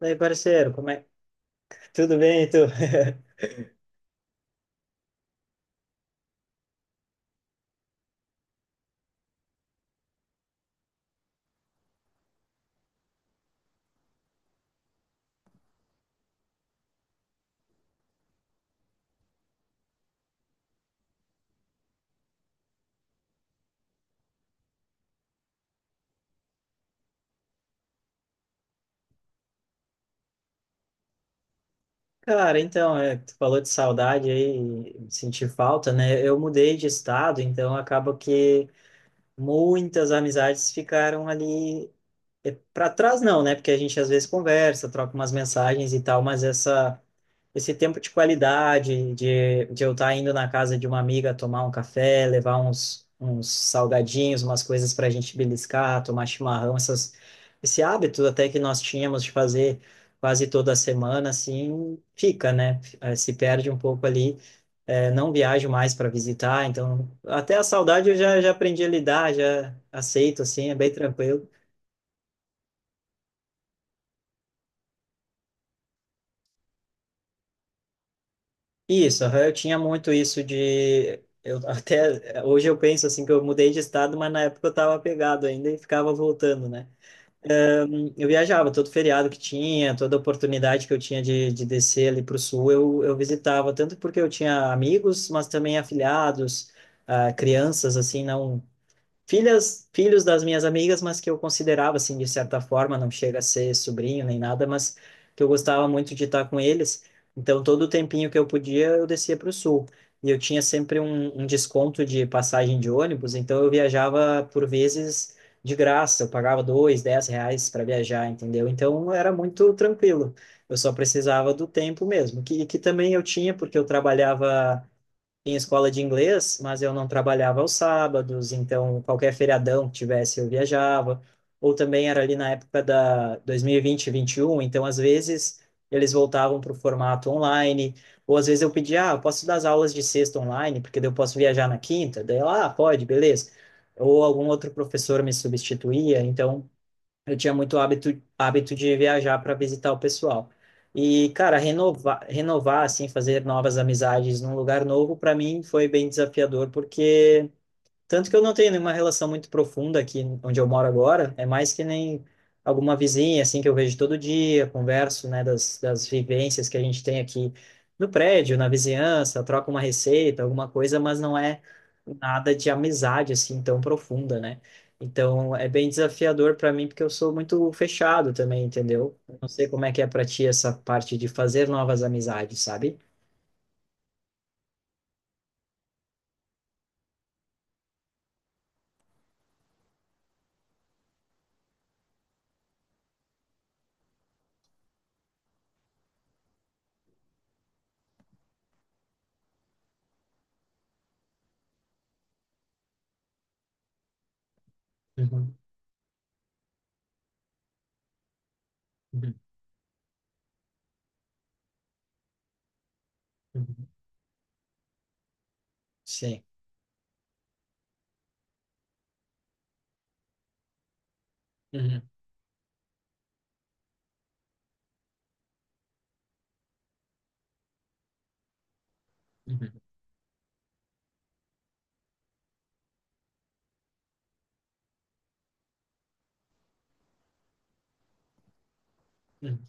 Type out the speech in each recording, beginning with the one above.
Daí, parceiro, como é? Tudo bem, e tu? Cara, então, é, tu falou de saudade aí, sentir falta, né? Eu mudei de estado, então acaba que muitas amizades ficaram ali para trás não, né? Porque a gente às vezes conversa, troca umas mensagens e tal, mas essa esse tempo de qualidade, de eu estar indo na casa de uma amiga tomar um café, levar uns salgadinhos, umas coisas para a gente beliscar, tomar chimarrão, esse hábito até que nós tínhamos de fazer quase toda semana, assim, fica, né? Se perde um pouco ali, não viajo mais para visitar, então até a saudade eu já aprendi a lidar, já aceito, assim, é bem tranquilo. Isso, aham, eu tinha muito isso de. Eu até hoje eu penso assim que eu mudei de estado, mas na época eu estava pegado ainda e ficava voltando, né? Eu viajava todo feriado que tinha, toda oportunidade que eu tinha de descer ali para o sul, eu visitava, tanto porque eu tinha amigos, mas também afilhados, ah, crianças, assim, não filhas, filhos das minhas amigas, mas que eu considerava assim de certa forma, não chega a ser sobrinho nem nada, mas que eu gostava muito de estar com eles. Então, todo o tempinho que eu podia, eu descia para o sul. E eu tinha sempre um desconto de passagem de ônibus, então eu viajava por vezes de graça, eu pagava dois, R$ 10 para viajar, entendeu? Então era muito tranquilo. Eu só precisava do tempo mesmo, que também eu tinha, porque eu trabalhava em escola de inglês, mas eu não trabalhava aos sábados, então qualquer feriadão que tivesse eu viajava. Ou também era ali na época da 2020 e 21, então às vezes eles voltavam para o formato online, ou às vezes eu pedia, ah, eu posso dar as aulas de sexta online, porque daí eu posso viajar na quinta, daí ela, ah, pode, beleza. Ou algum outro professor me substituía, então eu tinha muito hábito de viajar para visitar o pessoal. E, cara, renovar, renovar, assim, fazer novas amizades num lugar novo, para mim foi bem desafiador, porque tanto que eu não tenho nenhuma relação muito profunda aqui onde eu moro agora, é mais que nem alguma vizinha, assim, que eu vejo todo dia, converso, né, das vivências que a gente tem aqui no prédio, na vizinhança, troca uma receita, alguma coisa, mas não é nada de amizade, assim, tão profunda, né? Então, é bem desafiador para mim, porque eu sou muito fechado também, entendeu? Eu não sei como é que é para ti essa parte de fazer novas amizades, sabe? Uhum, uhum, uhum. Sim. Uhum, uhum, uhum,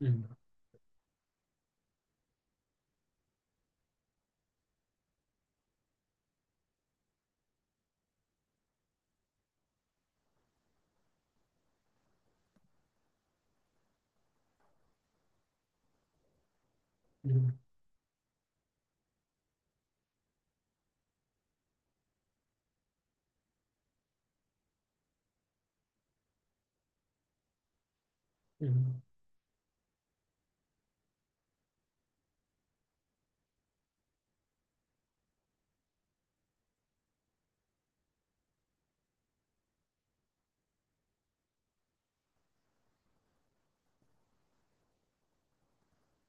uhum, uhum. Uhum,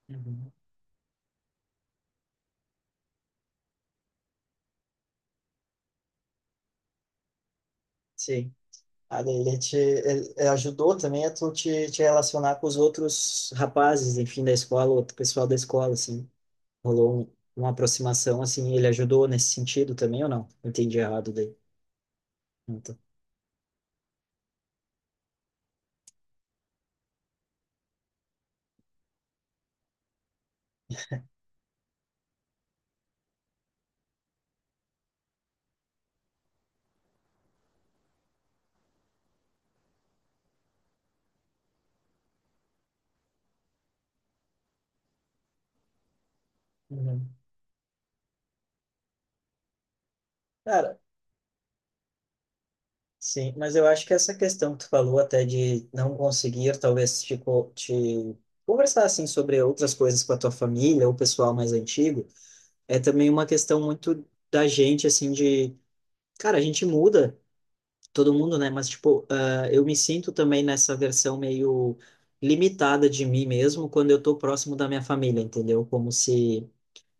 uhum. Sim. Ah, daí ele te ele ajudou também a tu te relacionar com os outros rapazes, enfim, da escola, outro pessoal da escola, assim. Rolou uma aproximação, assim, ele ajudou nesse sentido também ou não? Entendi errado daí. Então, uhum. Cara, sim, mas eu acho que essa questão que tu falou até de não conseguir, talvez, tipo, te conversar, assim, sobre outras coisas com a tua família ou o pessoal mais antigo, é também uma questão muito da gente, assim, de, cara, a gente muda todo mundo, né? Mas, tipo, ah, eu me sinto também nessa versão meio limitada de mim mesmo quando eu tô próximo da minha família, entendeu? Como se.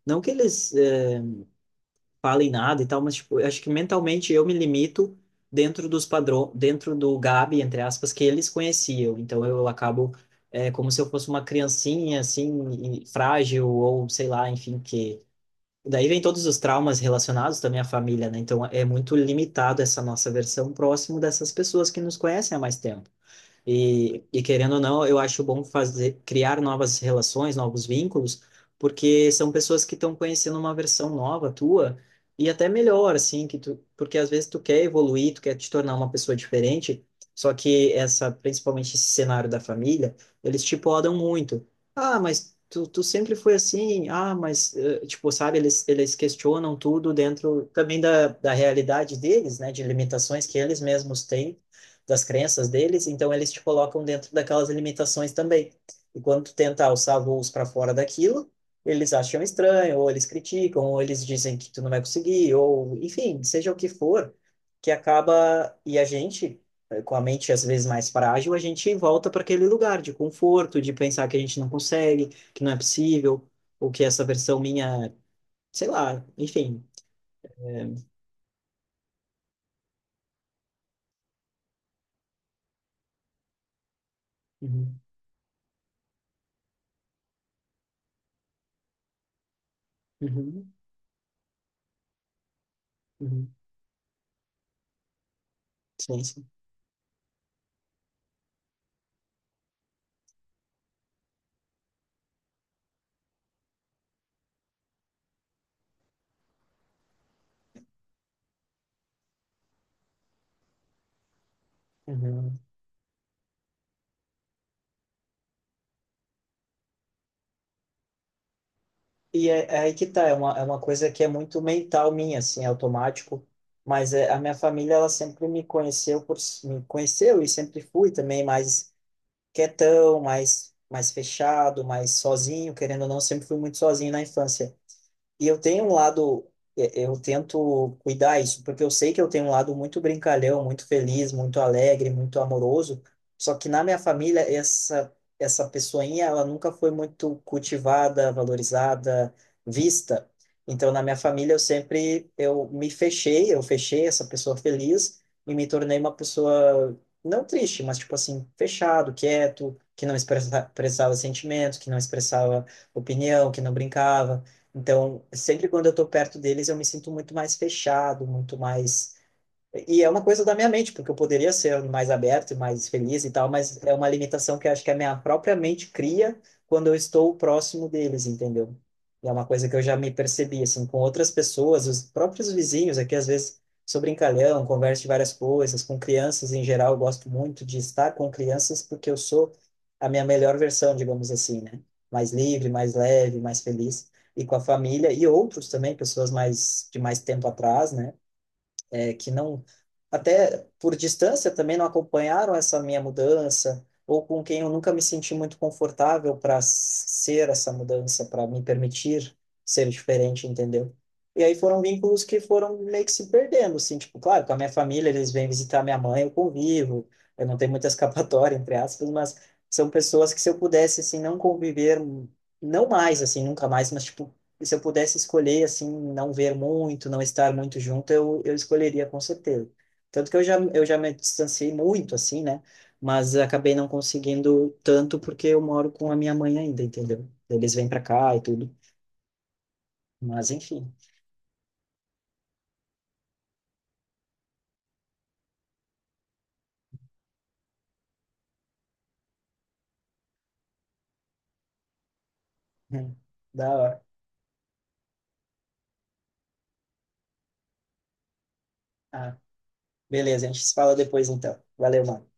Não que eles falem nada e tal, mas, tipo, eu acho que mentalmente eu me limito dentro dos padrões, dentro do Gabi, entre aspas, que eles conheciam. Então eu acabo. É como se eu fosse uma criancinha, assim, e frágil, ou sei lá, enfim, que daí vem todos os traumas relacionados também à família, né? Então é muito limitado essa nossa versão próximo dessas pessoas que nos conhecem há mais tempo. E querendo ou não, eu acho bom fazer, criar novas relações, novos vínculos, porque são pessoas que estão conhecendo uma versão nova tua e até melhor, assim, que tu, porque às vezes tu quer evoluir, tu quer te tornar uma pessoa diferente, só que essa, principalmente esse cenário da família, eles te podam muito. Ah, mas tu, tu sempre foi assim, ah, mas, eh, tipo, sabe, eles questionam tudo dentro também da, da realidade deles, né, de limitações que eles mesmos têm das crenças deles, então eles te colocam dentro daquelas limitações também. E quando tu tenta alçar voos para fora daquilo, eles acham estranho, ou eles criticam, ou eles dizem que tu não vai conseguir, ou enfim, seja o que for, que acaba e a gente com a mente às vezes mais frágil, a gente volta para aquele lugar de conforto, de pensar que a gente não consegue, que não é possível, ou que essa versão minha, sei lá, enfim. Uhum, uhum, uhum. Sim, sim. Uhum. E é aí que tá, é uma coisa que é muito mental minha, assim, é automático, mas é, a minha família, ela sempre me conheceu me conheceu e sempre fui também mais quietão, mais fechado, mais sozinho, querendo ou não, sempre fui muito sozinho na infância. E eu tenho um lado, eu tento cuidar isso, porque eu sei que eu tenho um lado muito brincalhão, muito feliz, muito alegre, muito amoroso. Só que na minha família, essa pessoinha, ela nunca foi muito cultivada, valorizada, vista. Então, na minha família, eu sempre, eu me fechei, eu fechei essa pessoa feliz e me tornei uma pessoa, não triste, mas tipo assim, fechado, quieto, que não expressava sentimentos, que não expressava opinião, que não brincava. Então, sempre quando eu estou perto deles, eu me sinto muito mais fechado, muito mais e é uma coisa da minha mente, porque eu poderia ser mais aberto, mais feliz e tal, mas é uma limitação que eu acho que a minha própria mente cria quando eu estou próximo deles, entendeu? E é uma coisa que eu já me percebi, assim, com outras pessoas, os próprios vizinhos aqui, às vezes, sou brincalhão, converso de várias coisas, com crianças em geral, eu gosto muito de estar com crianças porque eu sou a minha melhor versão, digamos assim, né? Mais livre, mais leve, mais feliz. E com a família e outros também, pessoas mais de mais tempo atrás, né? É, que não, até por distância também não acompanharam essa minha mudança, ou com quem eu nunca me senti muito confortável para ser essa mudança, para me permitir ser diferente, entendeu? E aí foram vínculos que foram meio que se perdendo, assim, tipo, claro, com a minha família, eles vêm visitar minha mãe, eu convivo, eu não tenho muita escapatória, entre aspas, mas são pessoas que se eu pudesse, assim, não conviver, não mais, assim, nunca mais, mas, tipo, se eu pudesse escolher, assim, não ver muito, não estar muito junto, eu escolheria com certeza. Tanto que eu já me distanciei muito, assim, né? Mas acabei não conseguindo tanto porque eu moro com a minha mãe ainda, entendeu? Eles vêm para cá e tudo. Mas, enfim, da hora. Ah, beleza, a gente se fala depois, então. Valeu, mano.